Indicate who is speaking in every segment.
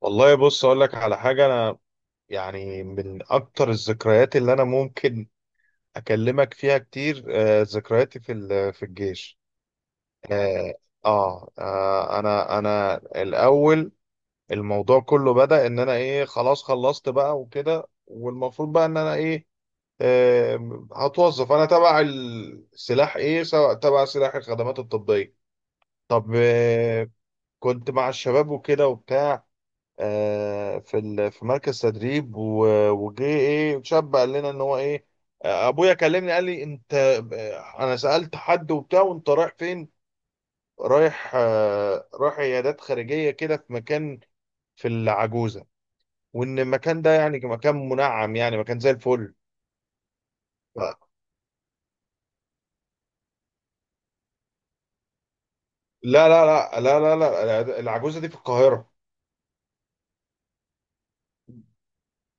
Speaker 1: والله، بص اقول لك على حاجه. انا يعني من اكتر الذكريات اللي انا ممكن اكلمك فيها كتير، ذكرياتي في الجيش. اه. انا الاول، الموضوع كله بدأ ان انا ايه خلاص خلصت بقى وكده. والمفروض بقى ان انا ايه هتوظف انا تبع السلاح ايه، سواء تبع سلاح الخدمات الطبيه. طب كنت مع الشباب وكده وبتاع، في مركز تدريب. وجه ايه شاب قال لنا ان هو ايه ابويا كلمني قال لي انت، انا سألت حد وبتاع وانت رايح فين؟ رايح عيادات خارجية كده في مكان في العجوزة، وان المكان ده يعني مكان منعم، يعني مكان زي الفل. لا، لا، لا، لا، لا، لا، العجوزة دي في القاهرة.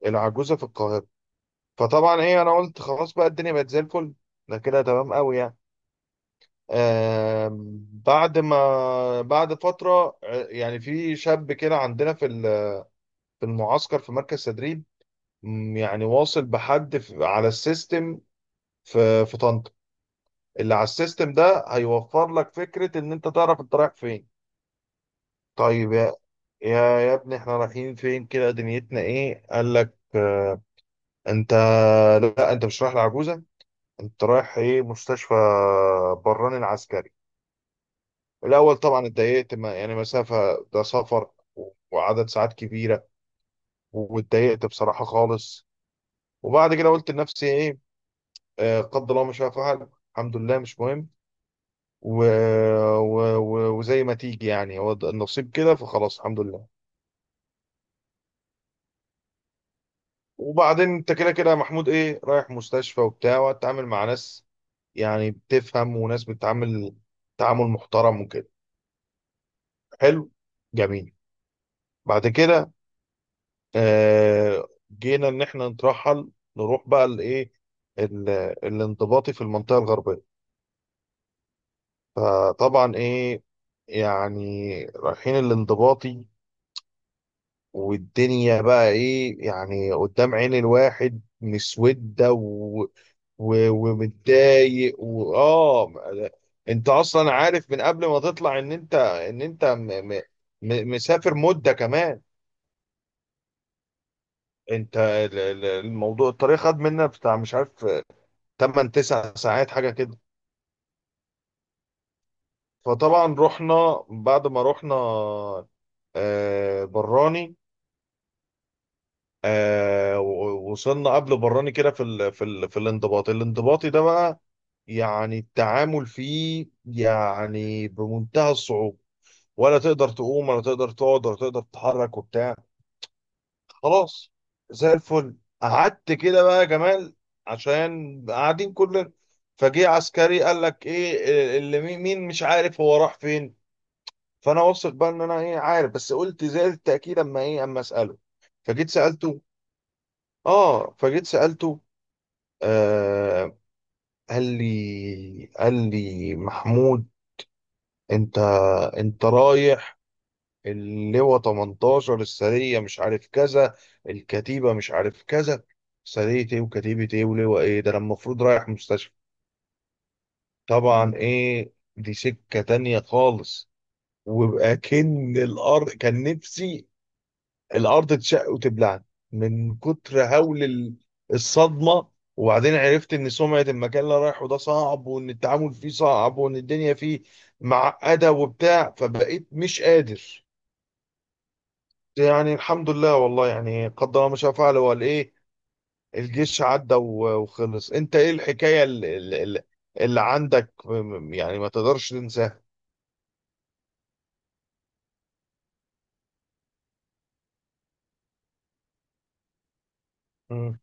Speaker 1: العجوزة في القاهرة. فطبعا ايه انا قلت خلاص بقى الدنيا بقت زي الفل. ده كده تمام قوي يعني. بعد ما بعد فترة، يعني في شاب كده عندنا في المعسكر في مركز تدريب، يعني واصل بحد على السيستم في طنطا. اللي على السيستم ده هيوفر لك فكرة ان انت تعرف انت رايح فين. طيب يا، يا ابني، احنا رايحين فين كده؟ دنيتنا ايه؟ قال لك انت، لا انت مش رايح لعجوزة، انت رايح ايه مستشفى براني العسكري. الأول طبعا اتضايقت، يعني مسافة، ده سفر، وعدد ساعات كبيرة. واتضايقت بصراحة خالص. وبعد كده قلت لنفسي إيه؟ قدر الله ما شاء فعل، الحمد لله مش مهم، و... وزي ما تيجي، يعني هو ده النصيب كده فخلاص الحمد لله. وبعدين أنت كده كده يا محمود إيه، رايح مستشفى وبتاع، وهتتعامل مع ناس يعني بتفهم، وناس بتتعامل تعامل محترم وكده. حلو. جميل. بعد كده جينا ان احنا نترحل، نروح بقى الايه، ال- الانضباطي في المنطقه الغربيه. فطبعا ايه، يعني رايحين الانضباطي، والدنيا بقى ايه يعني قدام عين الواحد مسوده ومتضايق انت اصلا عارف من قبل ما تطلع ان انت، م... مسافر مده كمان. انت الموضوع، الطريق خد منا بتاع مش عارف 8 9 ساعات حاجة كده. فطبعا رحنا. بعد ما رحنا براني، وصلنا قبل براني كده في الانضباط الانضباطي ده بقى. يعني التعامل فيه يعني بمنتهى الصعوبة. ولا تقدر تقوم، ولا تقدر تقعد، ولا تقدر تتحرك وبتاع. خلاص، زي الفل. قعدت كده بقى يا جمال، عشان قاعدين كلنا. فجه عسكري قال لك ايه اللي، مين مش عارف هو راح فين. فانا واثق بقى ان انا ايه عارف، بس قلت زائد التاكيد، اما اساله. فجيت سالته. اه. فجيت سالته آه قال لي محمود، انت انت رايح اللواء 18، السريه مش عارف كذا، الكتيبه مش عارف كذا. سريه ايه وكتيبه ايه ولواء ايه، ده انا المفروض رايح مستشفى. طبعا ايه، دي سكه تانية خالص. ويبقى كن الارض، كان نفسي الارض تشق وتبلعني من كتر هول الصدمه. وبعدين عرفت ان سمعه المكان اللي أنا رايحه ده صعب، وان التعامل فيه صعب، وان الدنيا فيه معقده وبتاع، فبقيت مش قادر. يعني الحمد لله، والله يعني قدر الله ما شاء فعل وقال ايه، الجيش عدى وخلص. انت ايه الحكايه اللي, اللي عندك يعني ما تقدرش تنساها؟ مم.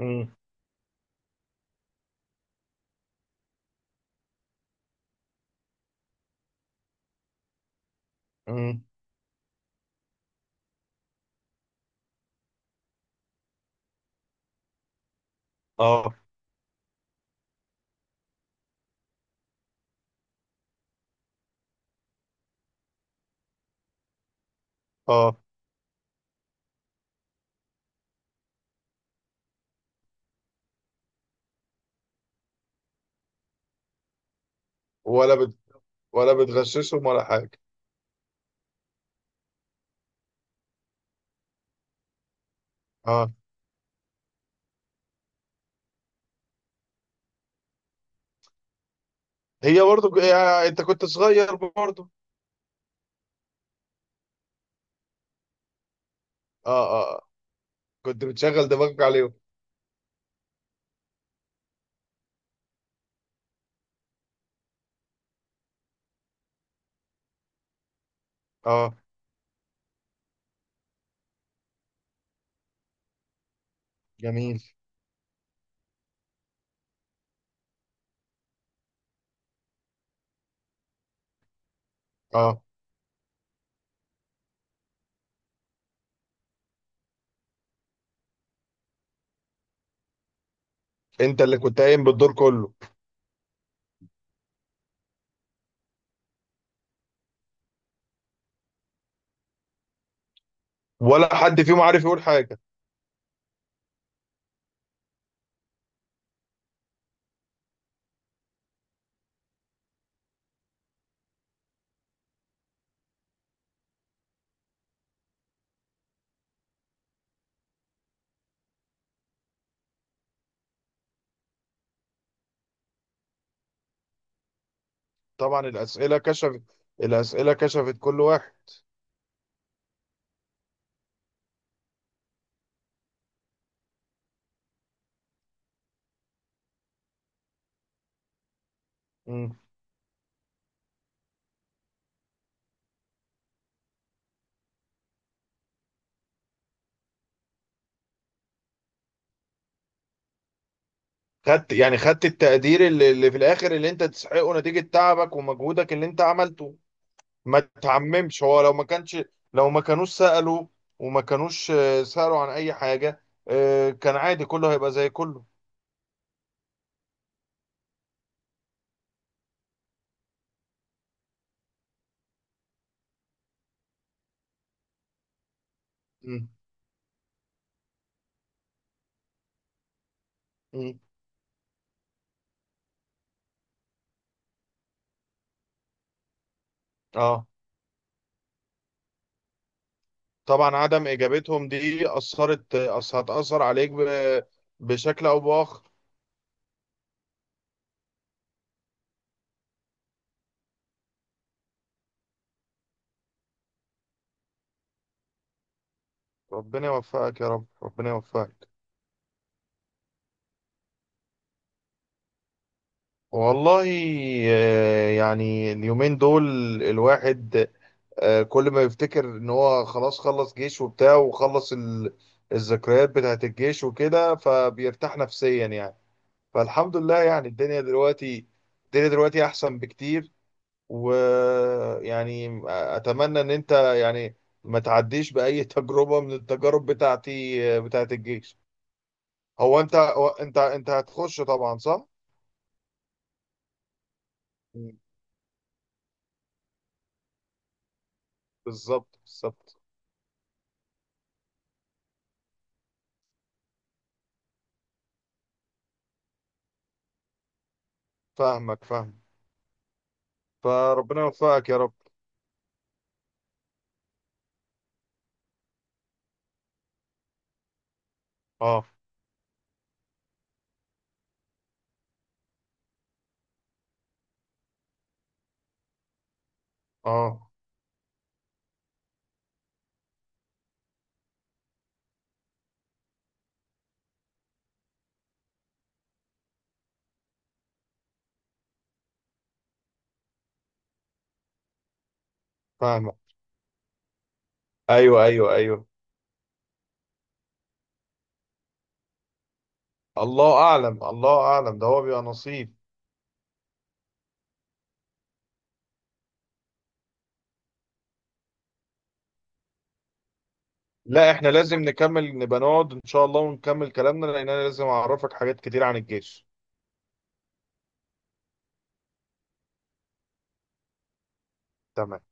Speaker 1: مم. مم. اه، اه. ولا بت ولا بتغششهم ولا حاجه. اه. هي برضو يعني انت كنت صغير برضو. اه، اه، كنت بتشغل دماغك عليهم. اه. جميل. اه، انت اللي كنت قايم بالدور كله. ولا حد فيهم عارف يقول حاجة؟ طبعا الأسئلة كشفت كل واحد. مم. خدت التقدير اللي, اللي في الآخر، اللي انت تستحقه نتيجة تعبك ومجهودك اللي انت عملته. ما تعممش، هو لو ما كانوش سألوا، وما كانوش سألوا عن أي حاجة، كان عادي، كله هيبقى زي كله. مم. مم. اه. طبعا عدم اجابتهم دي هتاثر عليك بشكل او باخر. ربنا يوفقك يا رب، ربنا يوفقك. والله يعني اليومين دول الواحد كل ما يفتكر ان هو خلاص خلص جيش وبتاع وخلص الذكريات بتاعت الجيش وكده، فبيرتاح نفسيا يعني. فالحمد لله يعني. الدنيا دلوقتي احسن بكتير. ويعني اتمنى ان انت يعني ما تعديش باي تجربه من التجارب بتاعتي بتاعت الجيش. هو انت هو انت انت هتخش طبعا صح؟ مم. بالظبط، بالظبط. فاهمك، فاهم. فربنا يوفقك يا رب. اه، اه. فاهمك. ايوه، ايوه، ايوه. الله اعلم، الله اعلم، ده هو بيبقى نصيب. لا، احنا لازم نكمل، نبقى نقعد ان شاء الله ونكمل كلامنا، لان انا لازم اعرفك حاجات كتير عن الجيش. تمام.